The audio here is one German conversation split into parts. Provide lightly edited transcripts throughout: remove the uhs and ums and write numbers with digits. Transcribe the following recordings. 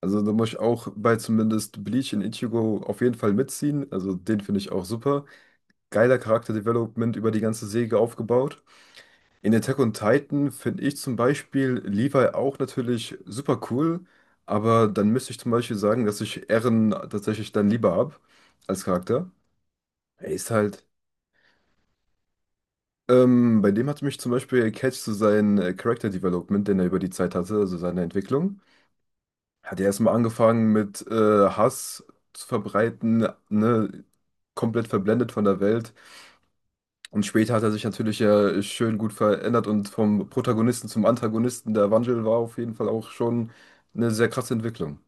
Also da muss ich auch bei zumindest Bleach in Ichigo auf jeden Fall mitziehen. Also den finde ich auch super. Geiler Charakterdevelopment über die ganze Serie aufgebaut. In Attack on Titan finde ich zum Beispiel Levi auch natürlich super cool. Aber dann müsste ich zum Beispiel sagen, dass ich Eren tatsächlich dann lieber habe als Charakter. Er ist halt. Bei dem hat mich zum Beispiel gecatcht zu so sein Character Development, den er über die Zeit hatte, also seine Entwicklung. Hat er erstmal angefangen mit Hass zu verbreiten, ne? Komplett verblendet von der Welt. Und später hat er sich natürlich ja schön gut verändert und vom Protagonisten zum Antagonisten. Der Wandel war auf jeden Fall auch schon eine sehr krasse Entwicklung.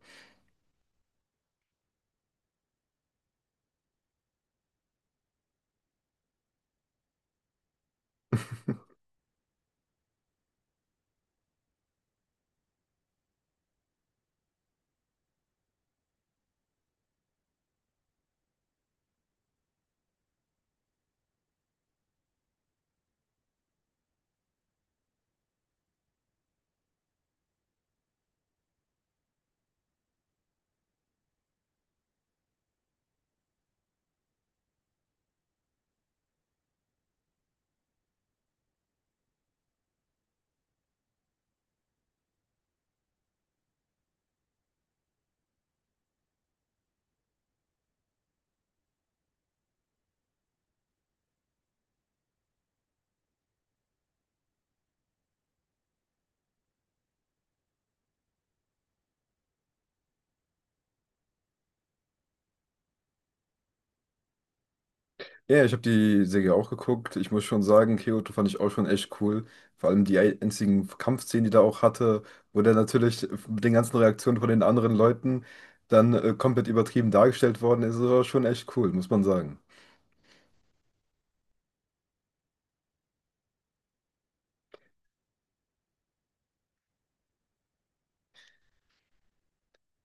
Ja, ich habe die Serie auch geguckt. Ich muss schon sagen, Kyoto fand ich auch schon echt cool. Vor allem die einzigen Kampfszenen, die da auch hatte, wo der natürlich mit den ganzen Reaktionen von den anderen Leuten dann komplett übertrieben dargestellt worden ist. Das war schon echt cool, muss man sagen.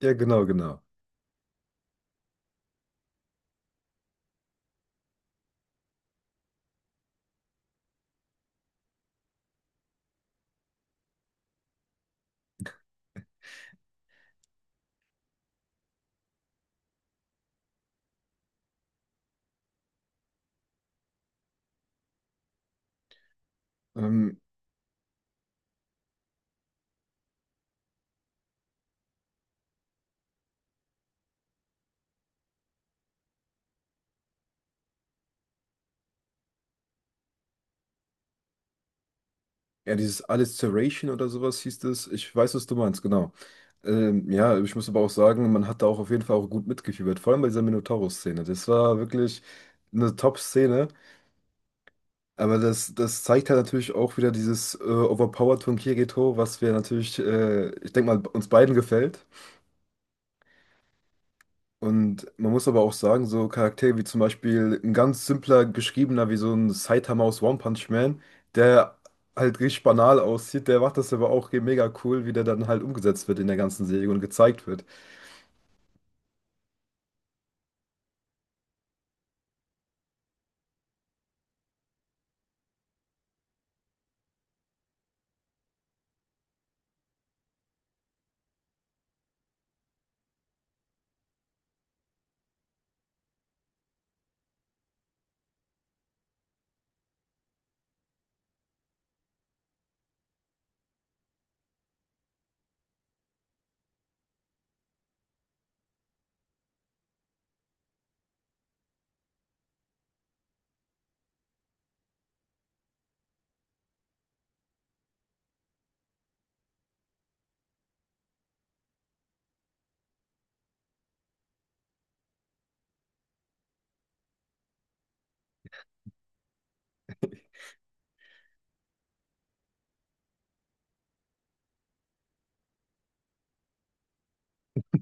Ja, genau, genau. Ähm, ja, dieses Alliteration oder sowas hieß es. Ich weiß, was du meinst, genau. Ja, ich muss aber auch sagen, man hat da auch auf jeden Fall auch gut mitgefiebert, vor allem bei dieser Minotaurus-Szene. Das war wirklich eine Top-Szene, aber das, das zeigt halt natürlich auch wieder dieses Overpowered von Kirito, was wir natürlich, ich denke mal, uns beiden gefällt. Und man muss aber auch sagen, so Charaktere wie zum Beispiel ein ganz simpler geschriebener wie so ein Saitama aus One Punch Man, der halt richtig banal aussieht, der macht das aber auch mega cool, wie der dann halt umgesetzt wird in der ganzen Serie und gezeigt wird.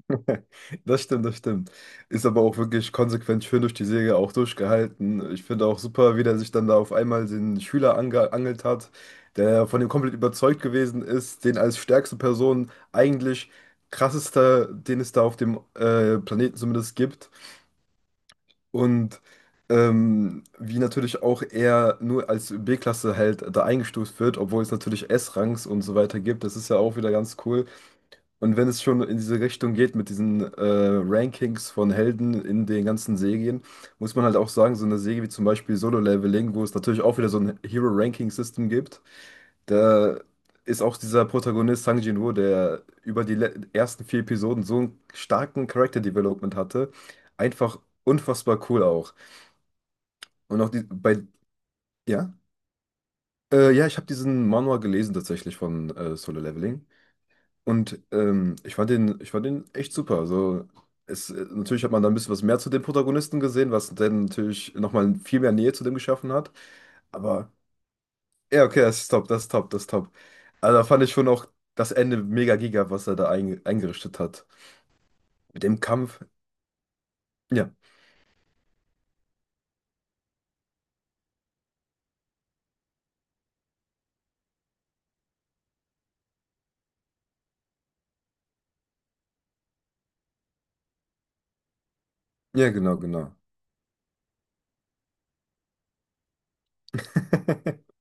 Das stimmt, das stimmt. Ist aber auch wirklich konsequent schön durch die Serie auch durchgehalten. Ich finde auch super, wie der sich dann da auf einmal den Schüler angeangelt hat, der von ihm komplett überzeugt gewesen ist, den als stärkste Person eigentlich krassester, den es da auf dem Planeten zumindest gibt. Und wie natürlich auch er nur als B-Klasse halt da eingestuft wird, obwohl es natürlich S-Rangs und so weiter gibt. Das ist ja auch wieder ganz cool. Und wenn es schon in diese Richtung geht mit diesen Rankings von Helden in den ganzen Serien, muss man halt auch sagen, so eine Serie wie zum Beispiel Solo Leveling, wo es natürlich auch wieder so ein Hero-Ranking-System gibt, da ist auch dieser Protagonist Sang Jin-woo, der über die ersten 4 Episoden so einen starken Character-Development hatte, einfach unfassbar cool auch. Und auch die, bei, ja, ja, ich habe diesen Manhwa gelesen tatsächlich von Solo Leveling. Und ich fand den echt super. Also es, natürlich hat man da ein bisschen was mehr zu dem Protagonisten gesehen, was dann natürlich nochmal viel mehr Nähe zu dem geschaffen hat. Aber ja, okay, das ist top, das ist top, das ist top. Also da fand ich schon auch das Ende mega giga, was er da eingerichtet hat. Mit dem Kampf. Ja, ja, genau, genau.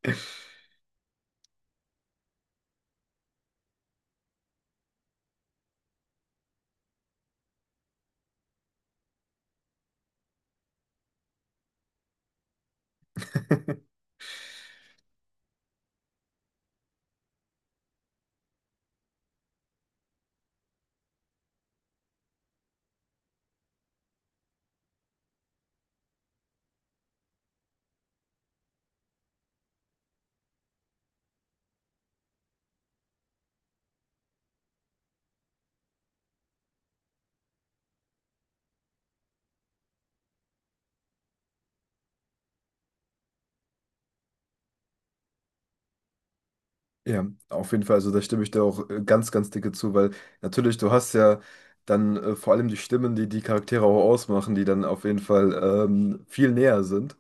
Ja, auf jeden Fall. Also da stimme ich dir auch ganz, ganz dicke zu, weil natürlich, du hast ja dann vor allem die Stimmen, die die Charaktere auch ausmachen, die dann auf jeden Fall viel näher sind.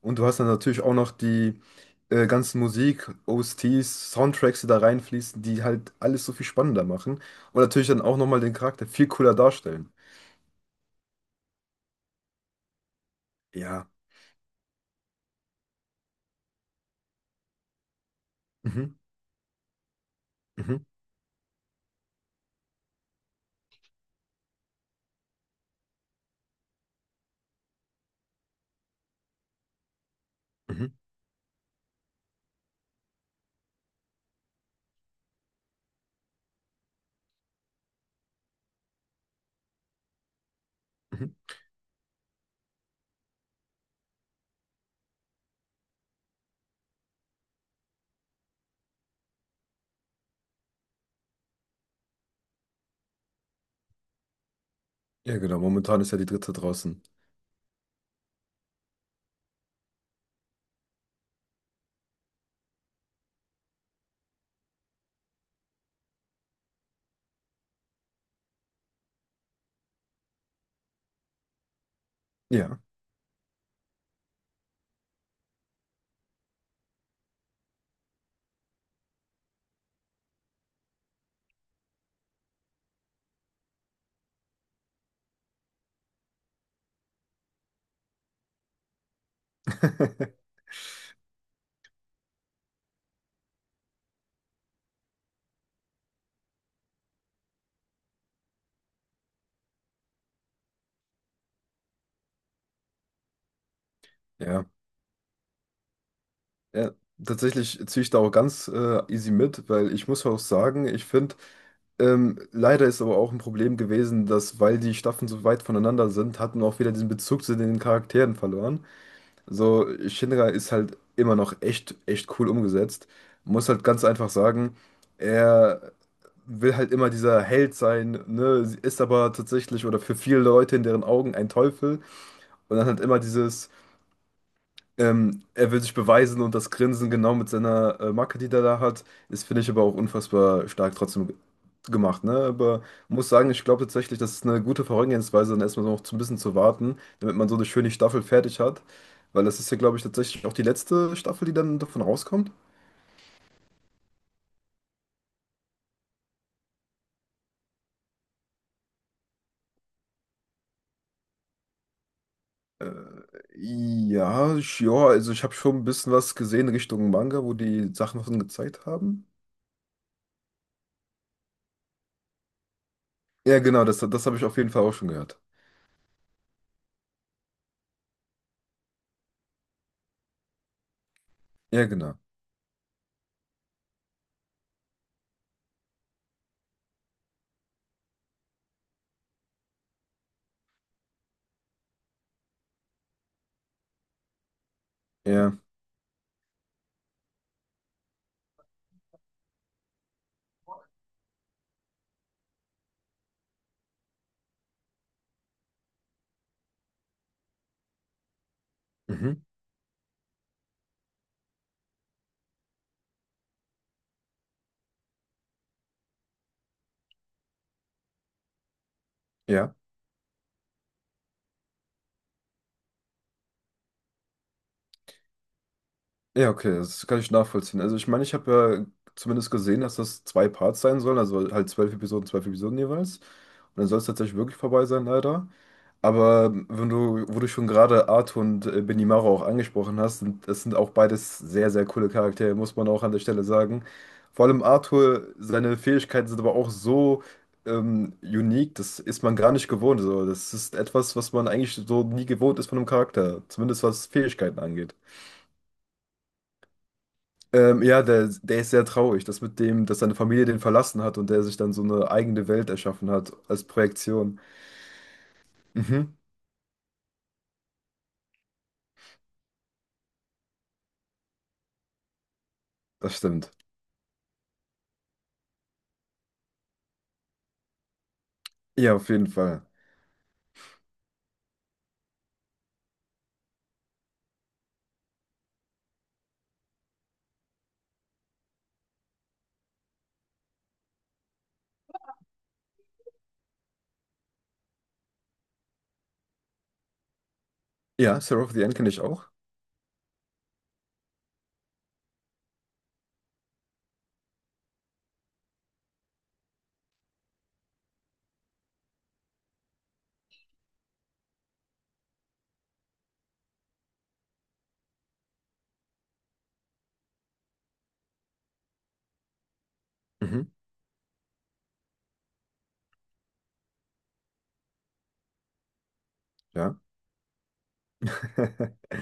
Und du hast dann natürlich auch noch die ganzen Musik, OSTs, Soundtracks, die da reinfließen, die halt alles so viel spannender machen. Und natürlich dann auch nochmal den Charakter viel cooler darstellen. Ja. Mhm. Mhm. Mhm. Mhm. Ja, genau. Momentan ist ja die dritte draußen. Ja. Ja. Ja, tatsächlich ziehe ich da auch ganz easy mit, weil ich muss auch sagen, ich finde, leider ist aber auch ein Problem gewesen, dass, weil die Staffeln so weit voneinander sind, hat man auch wieder diesen Bezug zu den Charakteren verloren. So, Shinra ist halt immer noch echt, echt cool umgesetzt. Muss halt ganz einfach sagen, er will halt immer dieser Held sein, ne, ist aber tatsächlich oder für viele Leute in deren Augen ein Teufel. Und dann halt immer dieses. Er will sich beweisen und das Grinsen genau mit seiner Macke, die er da hat, ist, finde ich, aber auch unfassbar stark trotzdem gemacht. Ne? Aber muss sagen, ich glaube tatsächlich, das ist eine gute Vorgehensweise, dann erstmal noch so ein bisschen zu warten, damit man so eine schöne Staffel fertig hat. Weil das ist ja, glaube ich, tatsächlich auch die letzte Staffel, die dann davon rauskommt. Äh, ja, ja, also ich habe schon ein bisschen was gesehen Richtung Manga, wo die Sachen davon gezeigt haben. Ja, genau, das, das habe ich auf jeden Fall auch schon gehört. Ja, genau. Ja. Mhm. Ja. Ja, okay, das kann ich nachvollziehen. Also ich meine, ich habe ja zumindest gesehen, dass das 2 Parts sein sollen, also halt 12 Episoden, 12 Episoden jeweils. Und dann soll es tatsächlich wirklich vorbei sein, leider. Aber wenn du, wo du schon gerade Arthur und Benimaru auch angesprochen hast, sind, das sind auch beides sehr, sehr coole Charaktere, muss man auch an der Stelle sagen. Vor allem Arthur, seine Fähigkeiten sind aber auch so unique, das ist man gar nicht gewohnt. So. Das ist etwas, was man eigentlich so nie gewohnt ist von einem Charakter, zumindest was Fähigkeiten angeht. Ja, der, der ist sehr traurig, das mit dem, dass seine Familie den verlassen hat und der sich dann so eine eigene Welt erschaffen hat als Projektion. Mhm, das stimmt. Ja, auf jeden Fall. Ja, Sarah of the End kenne ich auch. Mhm, ja.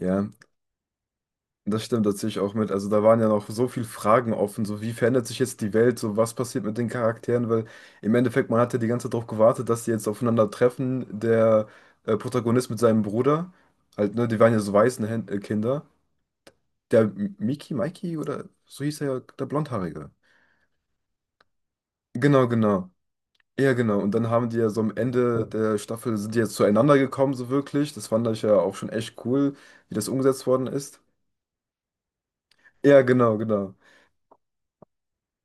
Ja, das stimmt, das sehe ich auch mit. Also da waren ja noch so viele Fragen offen, so wie verändert sich jetzt die Welt, so was passiert mit den Charakteren, weil im Endeffekt, man hat ja die ganze Zeit darauf gewartet, dass die jetzt aufeinandertreffen, der Protagonist mit seinem Bruder, halt, ne, die waren ja so Waisenkinder. Der Mikey oder so hieß er ja, der Blondhaarige. Genau, genau. Ja, genau. Und dann haben die ja so am Ende der Staffel sind die jetzt zueinander gekommen, so wirklich. Das fand ich ja auch schon echt cool, wie das umgesetzt worden ist. Ja, genau, genau.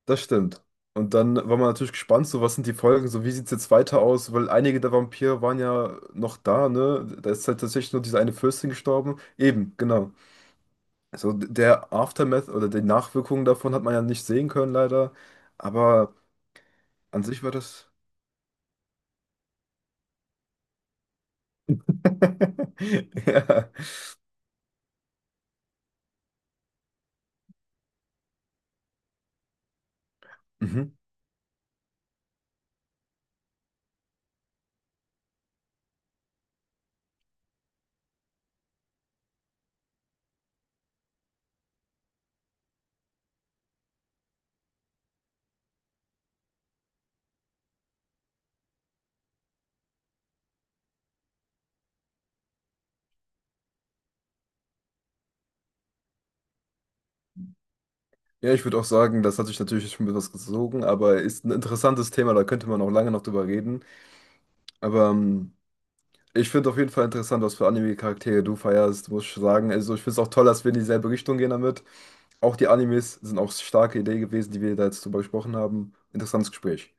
Das stimmt. Und dann war man natürlich gespannt, so was sind die Folgen, so wie sieht es jetzt weiter aus, weil einige der Vampire waren ja noch da, ne? Da ist halt tatsächlich nur diese eine Fürstin gestorben. Eben, genau. Also der Aftermath oder die Nachwirkungen davon hat man ja nicht sehen können, leider. Aber an sich war das. Ja. Mhm. Ja, ich würde auch sagen, das hat sich natürlich schon etwas gezogen, aber ist ein interessantes Thema, da könnte man auch lange noch drüber reden. Aber ich finde auf jeden Fall interessant, was für Anime-Charaktere du feierst, muss ich sagen. Also ich finde es auch toll, dass wir in dieselbe Richtung gehen damit. Auch die Animes sind auch starke Idee gewesen, die wir da jetzt drüber gesprochen haben. Interessantes Gespräch.